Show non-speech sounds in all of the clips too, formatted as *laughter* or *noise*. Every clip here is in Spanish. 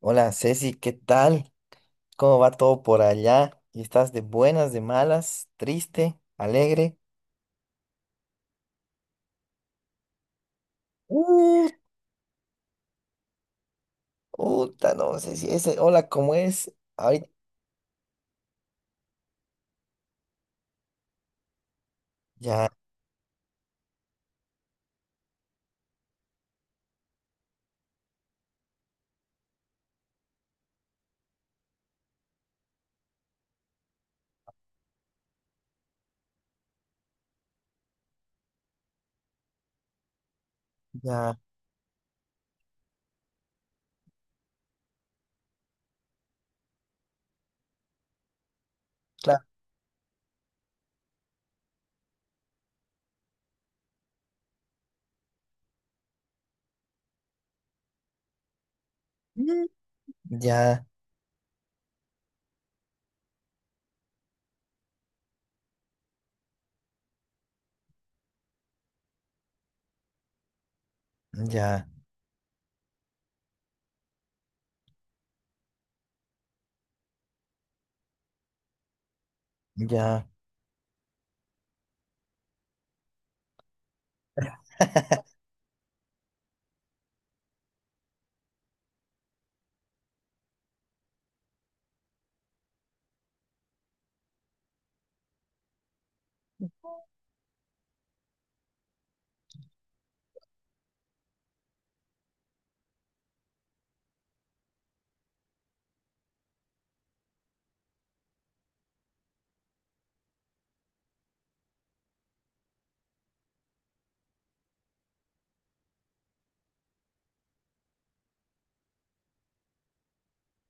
Hola Ceci, ¿qué tal? ¿Cómo va todo por allá? ¿Y estás de buenas, de malas, triste, alegre? Uh, puta, no sé si ese hola, ¿cómo es? Ay, ya, ya, claro. Mm, ya, ya, ya,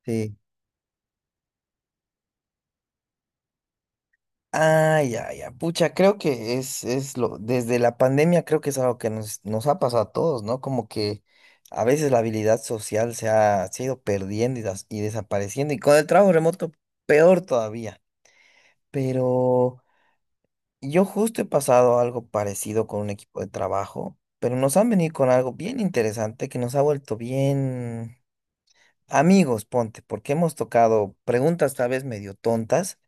sí. Ah, ya, ya, pucha, creo que desde la pandemia creo que es algo que nos ha pasado a todos, ¿no? Como que a veces la habilidad social se ha ido perdiendo y desapareciendo, y con el trabajo remoto, peor todavía. Pero yo justo he pasado algo parecido con un equipo de trabajo, pero nos han venido con algo bien interesante que nos ha vuelto bien amigos, ponte, porque hemos tocado preguntas tal vez medio tontas,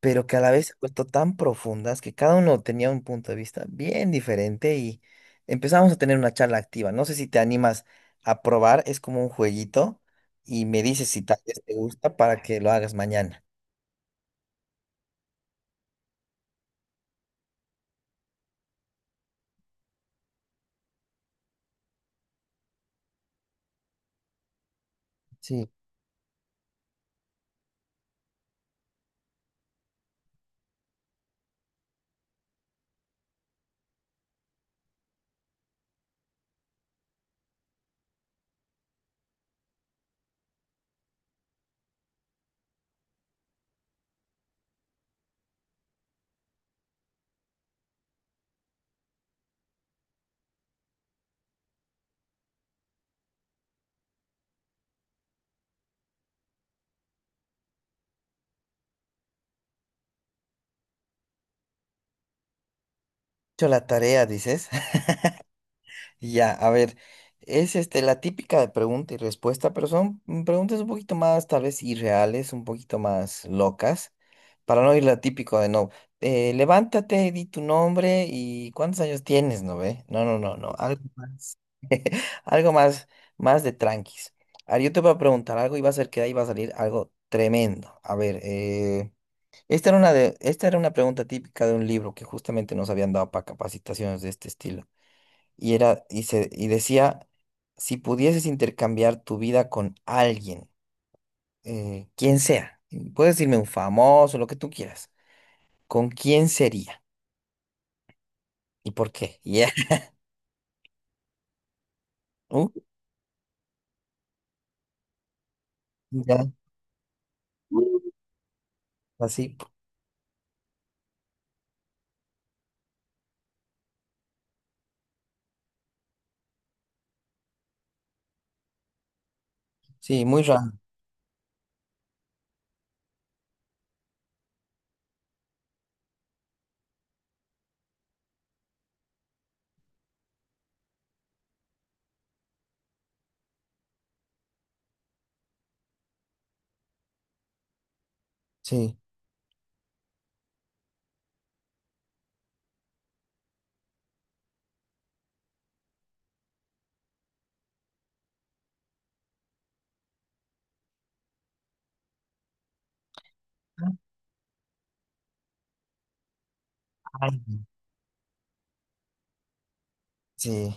pero que a la vez se han vuelto tan profundas que cada uno tenía un punto de vista bien diferente y empezamos a tener una charla activa. No sé si te animas a probar, es como un jueguito y me dices si tal vez te gusta para que lo hagas mañana. Sí. Hecho la tarea, dices. Ya, a ver, es este la típica de pregunta y respuesta, pero son preguntas un poquito más tal vez irreales, un poquito más locas, para no ir la típico de no, levántate, di tu nombre y cuántos años tienes, ¿no ve? No, no, no, no, algo más, más de tranquis. Ahora yo te voy a preguntar algo y va a ser que de ahí va a salir algo tremendo. A ver, esta era esta era una pregunta típica de un libro que justamente nos habían dado para capacitaciones de este estilo y era y se y decía, si pudieses intercambiar tu vida con alguien, quien sea, y puedes decirme un famoso, lo que tú quieras, ¿con quién sería y por qué? Ya. *laughs* Uh, ya, así, sí, muy raro, sí, ay, sí,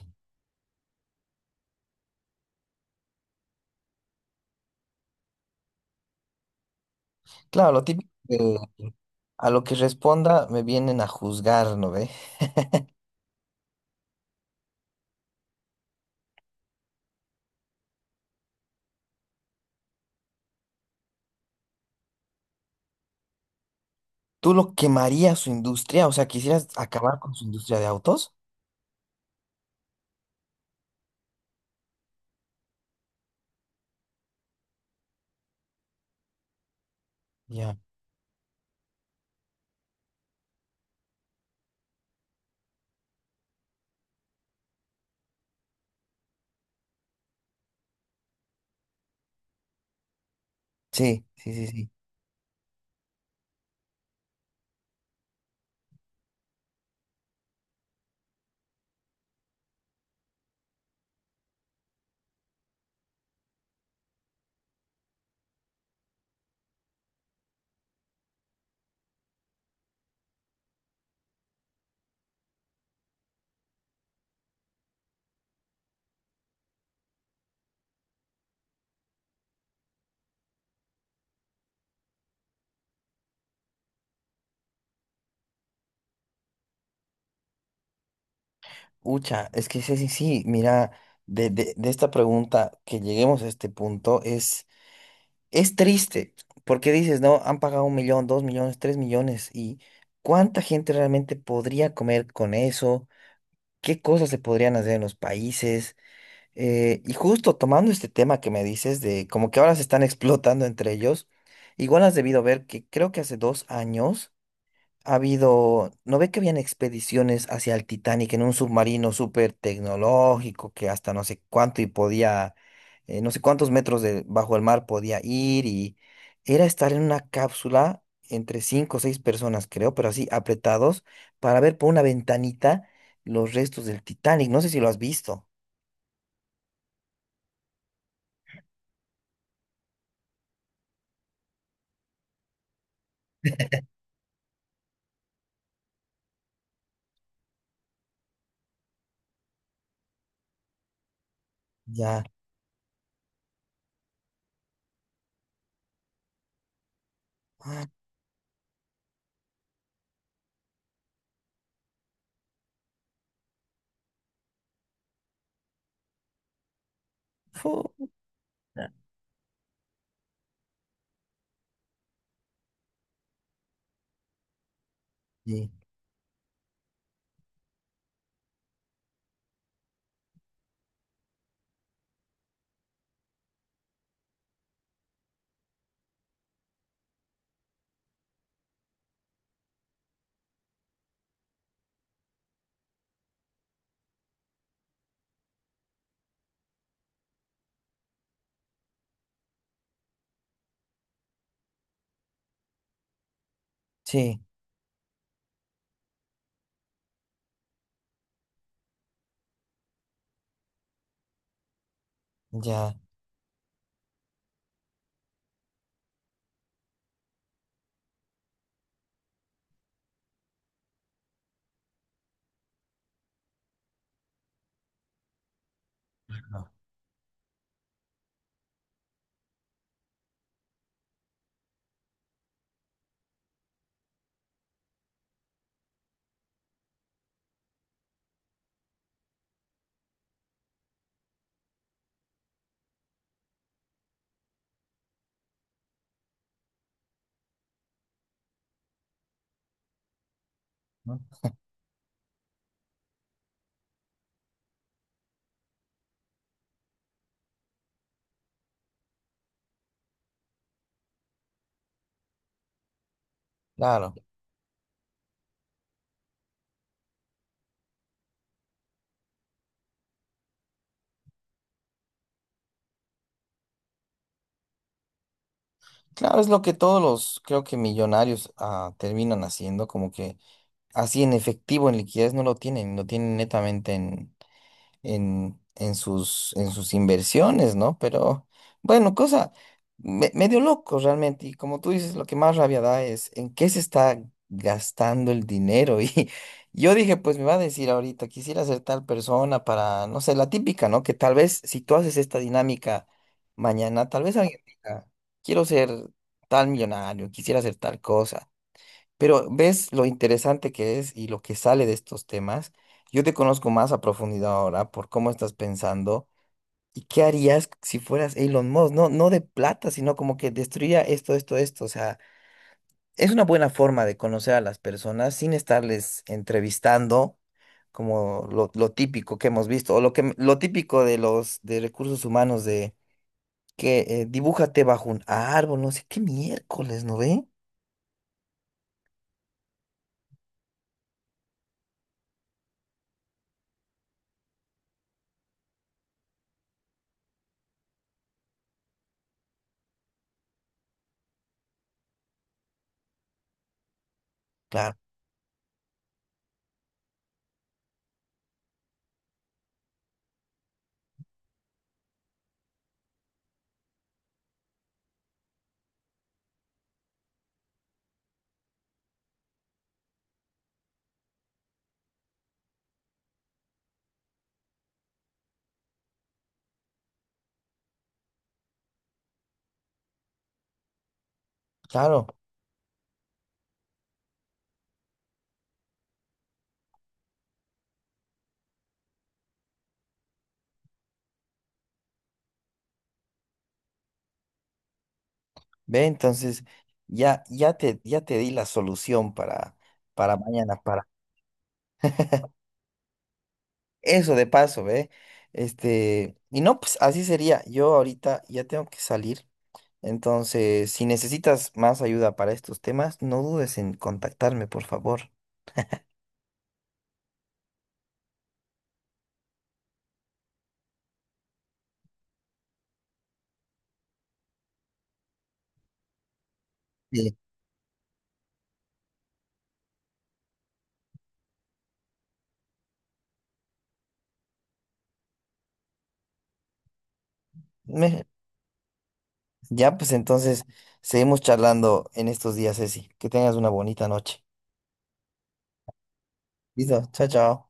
claro, a lo que responda me vienen a juzgar, ¿no ve? ¿Tú lo quemarías su industria? O sea, ¿quisieras acabar con su industria de autos? Ya. Sí, sí, sí, sí. Ucha, es que sí, sí, sí, mira, de esta pregunta que lleguemos a este punto es triste, porque dices, no, han pagado 1 millón, 2 millones, 3 millones, y ¿cuánta gente realmente podría comer con eso? ¿Qué cosas se podrían hacer en los países? Y justo tomando este tema que me dices de como que ahora se están *laughs* explotando entre ellos, igual has debido ver que creo que hace 2 años ha habido, ¿no ve que habían expediciones hacia el Titanic en un submarino súper tecnológico que hasta no sé cuánto y podía, no sé cuántos metros de, bajo el mar podía ir y era estar en una cápsula entre cinco o seis personas, creo, pero así apretados para ver por una ventanita los restos del Titanic. No sé si lo has visto. Ya. Ah, fu- Sí, sí, ya. No, no, claro. Claro, es lo que todos los, creo que millonarios terminan haciendo, como que así en efectivo, en liquidez, no lo tienen, lo tienen netamente en sus inversiones, ¿no? Pero bueno, cosa medio loco realmente. Y como tú dices, lo que más rabia da es en qué se está gastando el dinero. *laughs* Y yo dije, pues me va a decir ahorita, quisiera ser tal persona para, no sé, la típica, ¿no? Que tal vez si tú haces esta dinámica mañana, tal vez alguien diga, quiero ser tal millonario, quisiera hacer tal cosa. Pero ves lo interesante que es y lo que sale de estos temas. Yo te conozco más a profundidad ahora por cómo estás pensando y qué harías si fueras Elon Musk, no, no de plata, sino como que destruiría esto, esto, esto. O sea, es una buena forma de conocer a las personas sin estarles entrevistando como lo típico que hemos visto o lo típico de los de recursos humanos de que dibújate bajo un árbol, no sé qué miércoles, ¿no ve? Claro, claro. Ve, entonces ya te di la solución para mañana, para eso de paso, ve. Este, y no, pues así sería. Yo ahorita ya tengo que salir. Entonces, si necesitas más ayuda para estos temas, no dudes en contactarme, por favor. Sí. Me- ya, pues entonces seguimos charlando en estos días, Ceci. Que tengas una bonita noche. Listo, chao, chao.